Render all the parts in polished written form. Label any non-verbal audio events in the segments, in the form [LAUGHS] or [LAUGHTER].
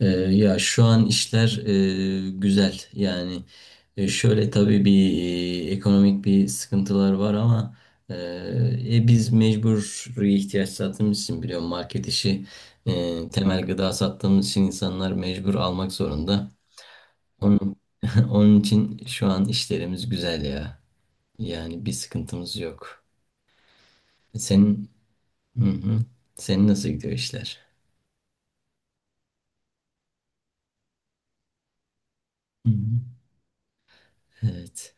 Ya şu an işler güzel yani. Şöyle tabii bir ekonomik bir sıkıntılar var, ama e, biz mecburi ihtiyaç sattığımız için biliyorum, market işi, temel gıda sattığımız için insanlar mecbur almak zorunda. Onun, [LAUGHS] Onun için şu an işlerimiz güzel ya, yani bir sıkıntımız yok. Senin hı hı. Senin nasıl gidiyor işler? Hı hı. Evet.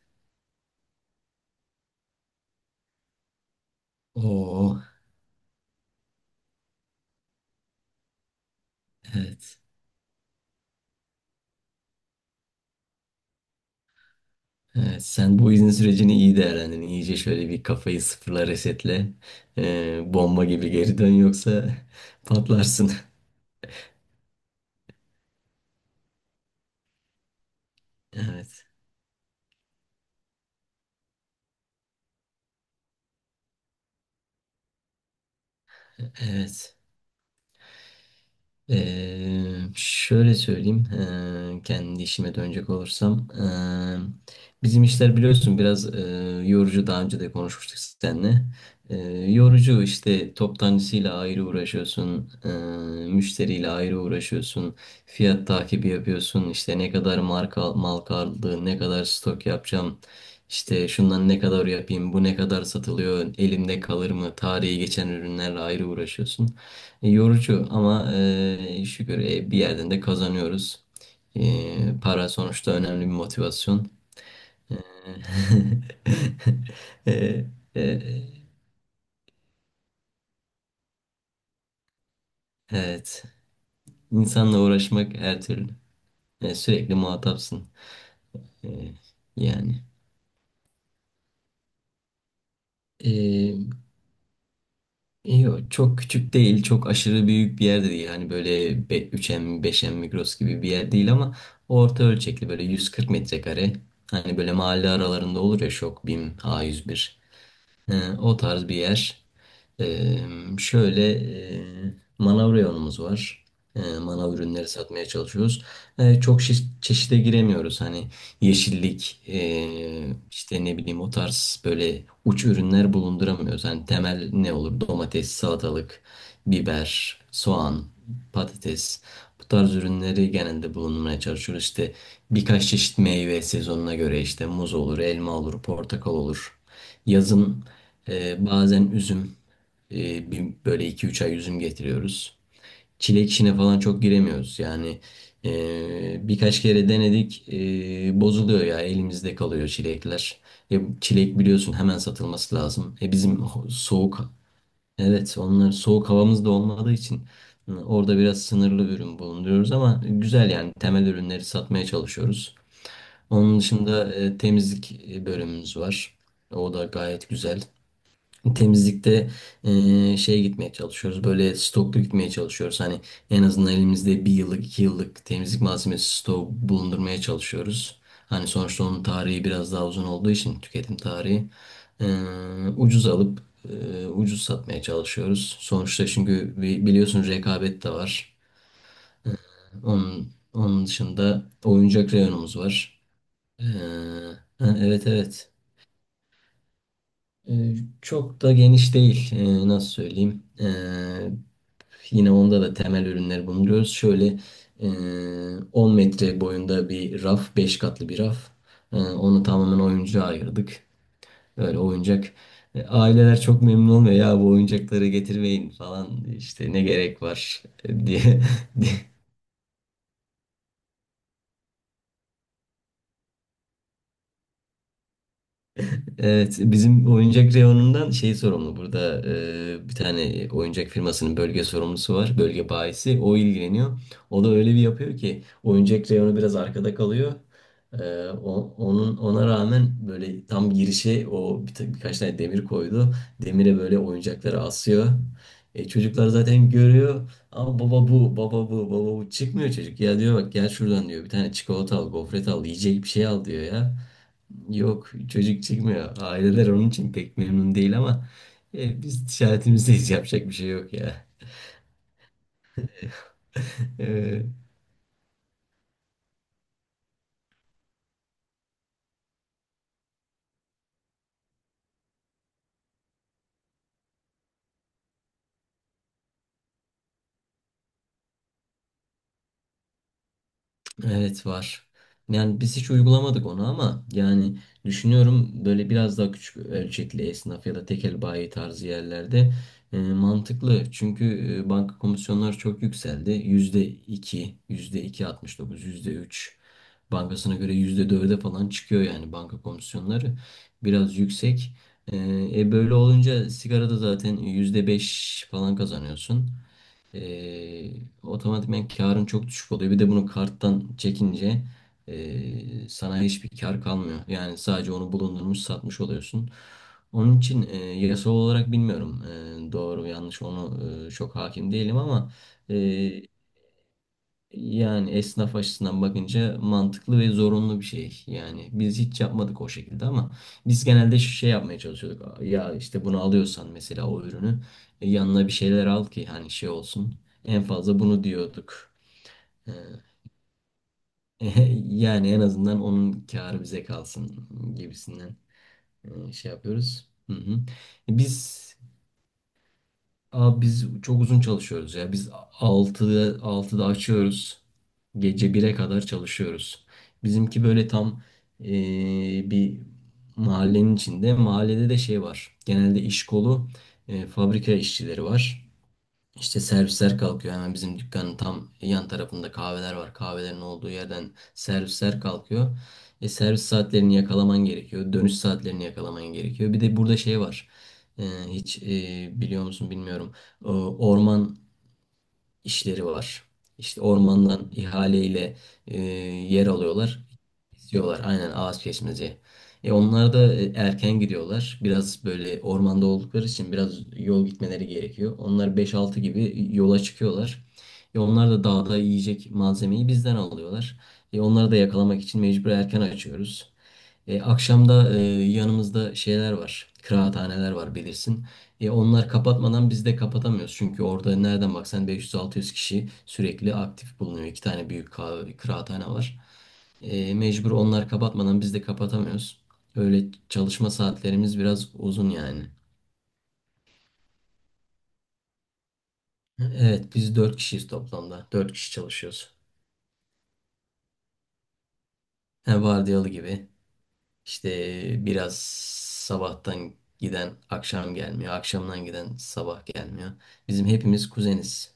Oo, evet. Evet, sen bu izin sürecini iyi değerlendirin. İyice şöyle bir kafayı sıfırla, resetle. Bomba gibi geri dön, yoksa [LAUGHS] patlarsın. Evet. Evet. Şöyle söyleyeyim, kendi işime dönecek olursam, bizim işler biliyorsun biraz yorucu. Daha önce de konuşmuştuk seninle. Eee, yorucu işte, toptancısıyla ayrı uğraşıyorsun, müşteriyle ayrı uğraşıyorsun, fiyat takibi yapıyorsun. İşte ne kadar marka mal kaldı, ne kadar stok yapacağım. İşte şundan ne kadar yapayım, bu ne kadar satılıyor, elimde kalır mı, tarihi geçen ürünlerle ayrı uğraşıyorsun. Yorucu, ama şükür, bir yerden de kazanıyoruz. Para sonuçta önemli bir motivasyon. E, [LAUGHS] e, e, evet. İnsanla uğraşmak her türlü. Sürekli muhatapsın. E, yani. E, yok, çok küçük değil, çok aşırı büyük bir yer de değil. Hani böyle 3M, 5M Migros gibi bir yer değil, ama orta ölçekli böyle 140 metrekare. Hani böyle mahalle aralarında olur ya: Şok, BİM, A101. He, o tarz bir yer. Ee, şöyle manav reyonumuz var. Manav ürünleri satmaya çalışıyoruz. Çok çeşide giremiyoruz. Hani yeşillik, işte ne bileyim, o tarz böyle uç ürünler bulunduramıyoruz. Hani temel ne olur? Domates, salatalık, biber, soğan, patates. Bu tarz ürünleri genelde bulundurmaya çalışıyoruz. İşte birkaç çeşit meyve sezonuna göre, işte muz olur, elma olur, portakal olur. Yazın bazen üzüm. Böyle iki üç ay üzüm getiriyoruz. Çilek işine falan çok giremiyoruz. Yani birkaç kere denedik. Bozuluyor ya, elimizde kalıyor çilekler. Çilek biliyorsun hemen satılması lazım. Bizim soğuk, evet onlar, soğuk havamız da olmadığı için orada biraz sınırlı ürün bulunduruyoruz, ama güzel, yani temel ürünleri satmaya çalışıyoruz. Onun dışında temizlik bölümümüz var. O da gayet güzel. Temizlikte şeye gitmeye çalışıyoruz. Böyle stoklu gitmeye çalışıyoruz. Hani en azından elimizde bir yıllık, iki yıllık temizlik malzemesi stoğu bulundurmaya çalışıyoruz. Hani sonuçta onun tarihi biraz daha uzun olduğu için, tüketim tarihi. Ucuz alıp ucuz satmaya çalışıyoruz. Sonuçta, çünkü biliyorsun, rekabet de var. Onun dışında oyuncak reyonumuz var. Eee, ha, evet evet. Ee, Çok da geniş değil. Nasıl söyleyeyim? Yine onda da temel ürünleri bulunuyoruz. Şöyle e, 10 metre boyunda bir raf, 5 katlı bir raf. Onu tamamen oyuncağa ayırdık. Böyle oyuncak. Aileler çok memnun olmuyor. Ya, bu oyuncakları getirmeyin falan. İşte ne gerek var [LAUGHS] diye. [LAUGHS] Evet, bizim oyuncak reyonundan şey sorumlu burada, bir tane oyuncak firmasının bölge sorumlusu var, bölge bayisi o ilgileniyor. O da öyle bir yapıyor ki oyuncak reyonu biraz arkada kalıyor. Onun ona rağmen böyle tam girişe birkaç tane demir koydu. Demire böyle oyuncakları asıyor. Çocuklar zaten görüyor, ama baba bu, baba bu, baba bu, çıkmıyor çocuk. Ya diyor, bak gel şuradan diyor, bir tane çikolata al, gofret al, yiyecek bir şey al diyor ya. Yok, çocuk çıkmıyor. Aileler onun için pek memnun değil, ama biz ticaretimizdeyiz, yapacak bir şey yok ya. [LAUGHS] E, Evet, var. Yani biz hiç uygulamadık onu, ama yani düşünüyorum, böyle biraz daha küçük ölçekli esnaf ya da tekel bayi tarzı yerlerde mantıklı. Çünkü banka komisyonları çok yükseldi. %2, %2,69, %3. Bankasına göre %4'e falan çıkıyor, yani banka komisyonları biraz yüksek. E, böyle olunca sigarada zaten %5 falan kazanıyorsun. Eee otomatikman karın çok düşük oluyor. Bir de bunu karttan çekince sana hiçbir kar kalmıyor. Yani sadece onu bulundurmuş satmış oluyorsun. Onun için yasal olarak bilmiyorum, doğru yanlış onu çok hakim değilim, ama e, yani esnaf açısından bakınca mantıklı ve zorunlu bir şey. Yani biz hiç yapmadık o şekilde, ama biz genelde şu şey yapmaya çalışıyorduk. Ya işte, bunu alıyorsan mesela o ürünü, yanına bir şeyler al ki hani şey olsun. En fazla bunu diyorduk. Ee, [LAUGHS] yani en azından onun kârı bize kalsın gibisinden şey yapıyoruz. Hı hı. Biz Abi biz çok uzun çalışıyoruz ya. Biz altıda açıyoruz. Gece 1'e kadar çalışıyoruz. Bizimki böyle tam eee, bir mahallenin içinde. Mahallede de şey var. Genelde iş kolu fabrika işçileri var. İşte servisler kalkıyor, hemen bizim dükkanın tam yan tarafında kahveler var. Kahvelerin olduğu yerden servisler kalkıyor. Servis saatlerini yakalaman gerekiyor. Dönüş saatlerini yakalaman gerekiyor. Bir de burada şey var. Hiç biliyor musun bilmiyorum. Orman işleri var. İşte ormandan ihaleyle e, yer alıyorlar. İstiyorlar, aynen, ağaç kesmece. Onlar da erken gidiyorlar. Biraz böyle ormanda oldukları için biraz yol gitmeleri gerekiyor. Onlar 5-6 gibi yola çıkıyorlar. Onlar da dağda yiyecek malzemeyi bizden alıyorlar. Onları da yakalamak için mecbur erken açıyoruz. Akşamda yanımızda şeyler var. Kıraathaneler var, bilirsin. Onlar kapatmadan biz de kapatamıyoruz. Çünkü orada nereden baksan 500-600 kişi sürekli aktif bulunuyor. İki tane büyük kıraathane var. Mecbur, onlar kapatmadan biz de kapatamıyoruz. Öyle, çalışma saatlerimiz biraz uzun yani. Evet, biz 4 kişiyiz toplamda. Dört kişi çalışıyoruz. He, vardiyalı gibi. İşte biraz, sabahtan giden akşam gelmiyor. Akşamdan giden sabah gelmiyor. Bizim hepimiz kuzeniz.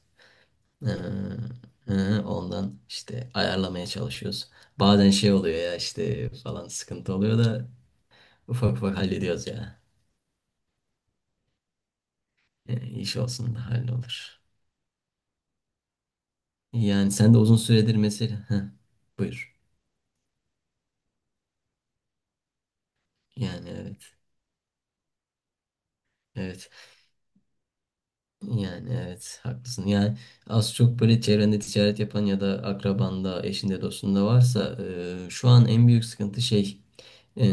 Ee, ondan işte ayarlamaya çalışıyoruz. Bazen şey oluyor ya, işte falan sıkıntı oluyor da ufak ufak hallediyoruz ya. İş olsun da hallolur. Yani sen de uzun süredir mesela. Heh, buyur. Yani evet. Evet. Yani evet, haklısın. Yani az çok böyle çevrende ticaret yapan ya da akrabanda, eşinde, dostunda varsa şu an en büyük sıkıntı şey, e,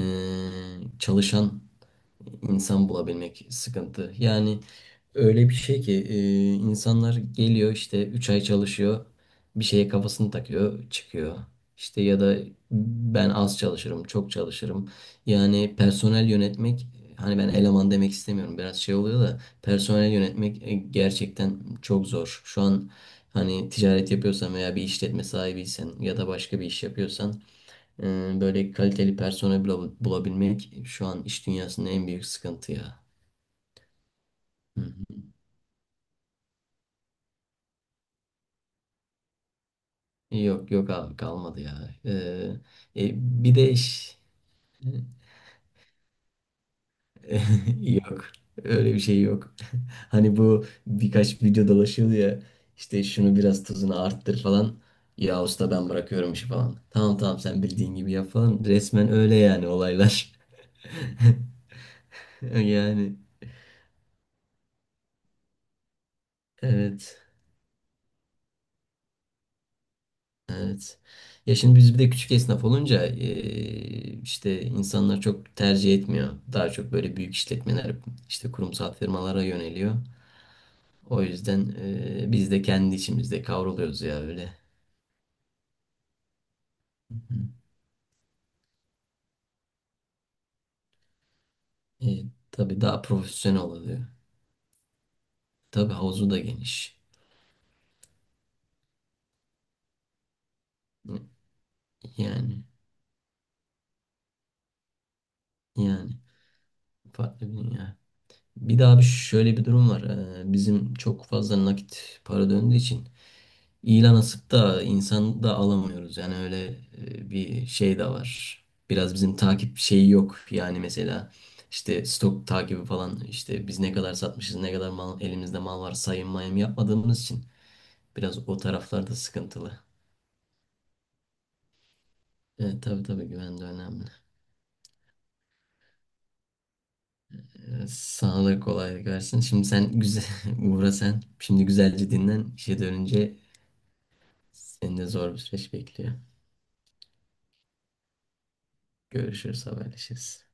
çalışan insan bulabilmek sıkıntı. Yani öyle bir şey ki insanlar geliyor, işte 3 ay çalışıyor, bir şeye kafasını takıyor çıkıyor. İşte ya da ben az çalışırım, çok çalışırım. Yani personel yönetmek, hani ben eleman demek istemiyorum, biraz şey oluyor da, personel yönetmek gerçekten çok zor. Şu an hani ticaret yapıyorsan veya bir işletme sahibiysen ya da başka bir iş yapıyorsan, böyle kaliteli personel bulabilmek şu an iş dünyasının en büyük sıkıntı ya. Hı. Yok yok abi, kalmadı ya. Ee, e, bir de [LAUGHS] yok, öyle bir şey yok. [LAUGHS] Hani, bu birkaç video dolaşıyordu ya, işte şunu biraz tuzunu arttır falan. Ya usta, ben bırakıyorum işi falan. Tamam, tamam, sen bildiğin gibi yap falan. Resmen öyle yani olaylar. [LAUGHS] Yani evet evet. Ya, şimdi biz bir de küçük esnaf olunca işte insanlar çok tercih etmiyor. Daha çok böyle büyük işletmeler, işte kurumsal firmalara yöneliyor. O yüzden biz de kendi içimizde kavruluyoruz ya, öyle. E, tabii daha profesyonel oluyor. Tabii havuzu da geniş. Yani yani farklı bir dünya. Bir daha bir şöyle bir durum var. Bizim çok fazla nakit para döndüğü için ilan asıp da insan da alamıyoruz. Yani öyle bir şey de var. Biraz bizim takip şeyi yok. Yani mesela, işte stok takibi falan, işte biz ne kadar satmışız, ne kadar mal, elimizde mal var, sayım mayım yapmadığımız için biraz o taraflarda sıkıntılı. Evet, tabii tabii, güven de önemli. Sana da kolaylık versin. Şimdi sen güzel [LAUGHS] uğra sen. Şimdi güzelce dinlen. İşe dönünce seni de zor bir süreç bekliyor. Görüşürüz, haberleşiriz.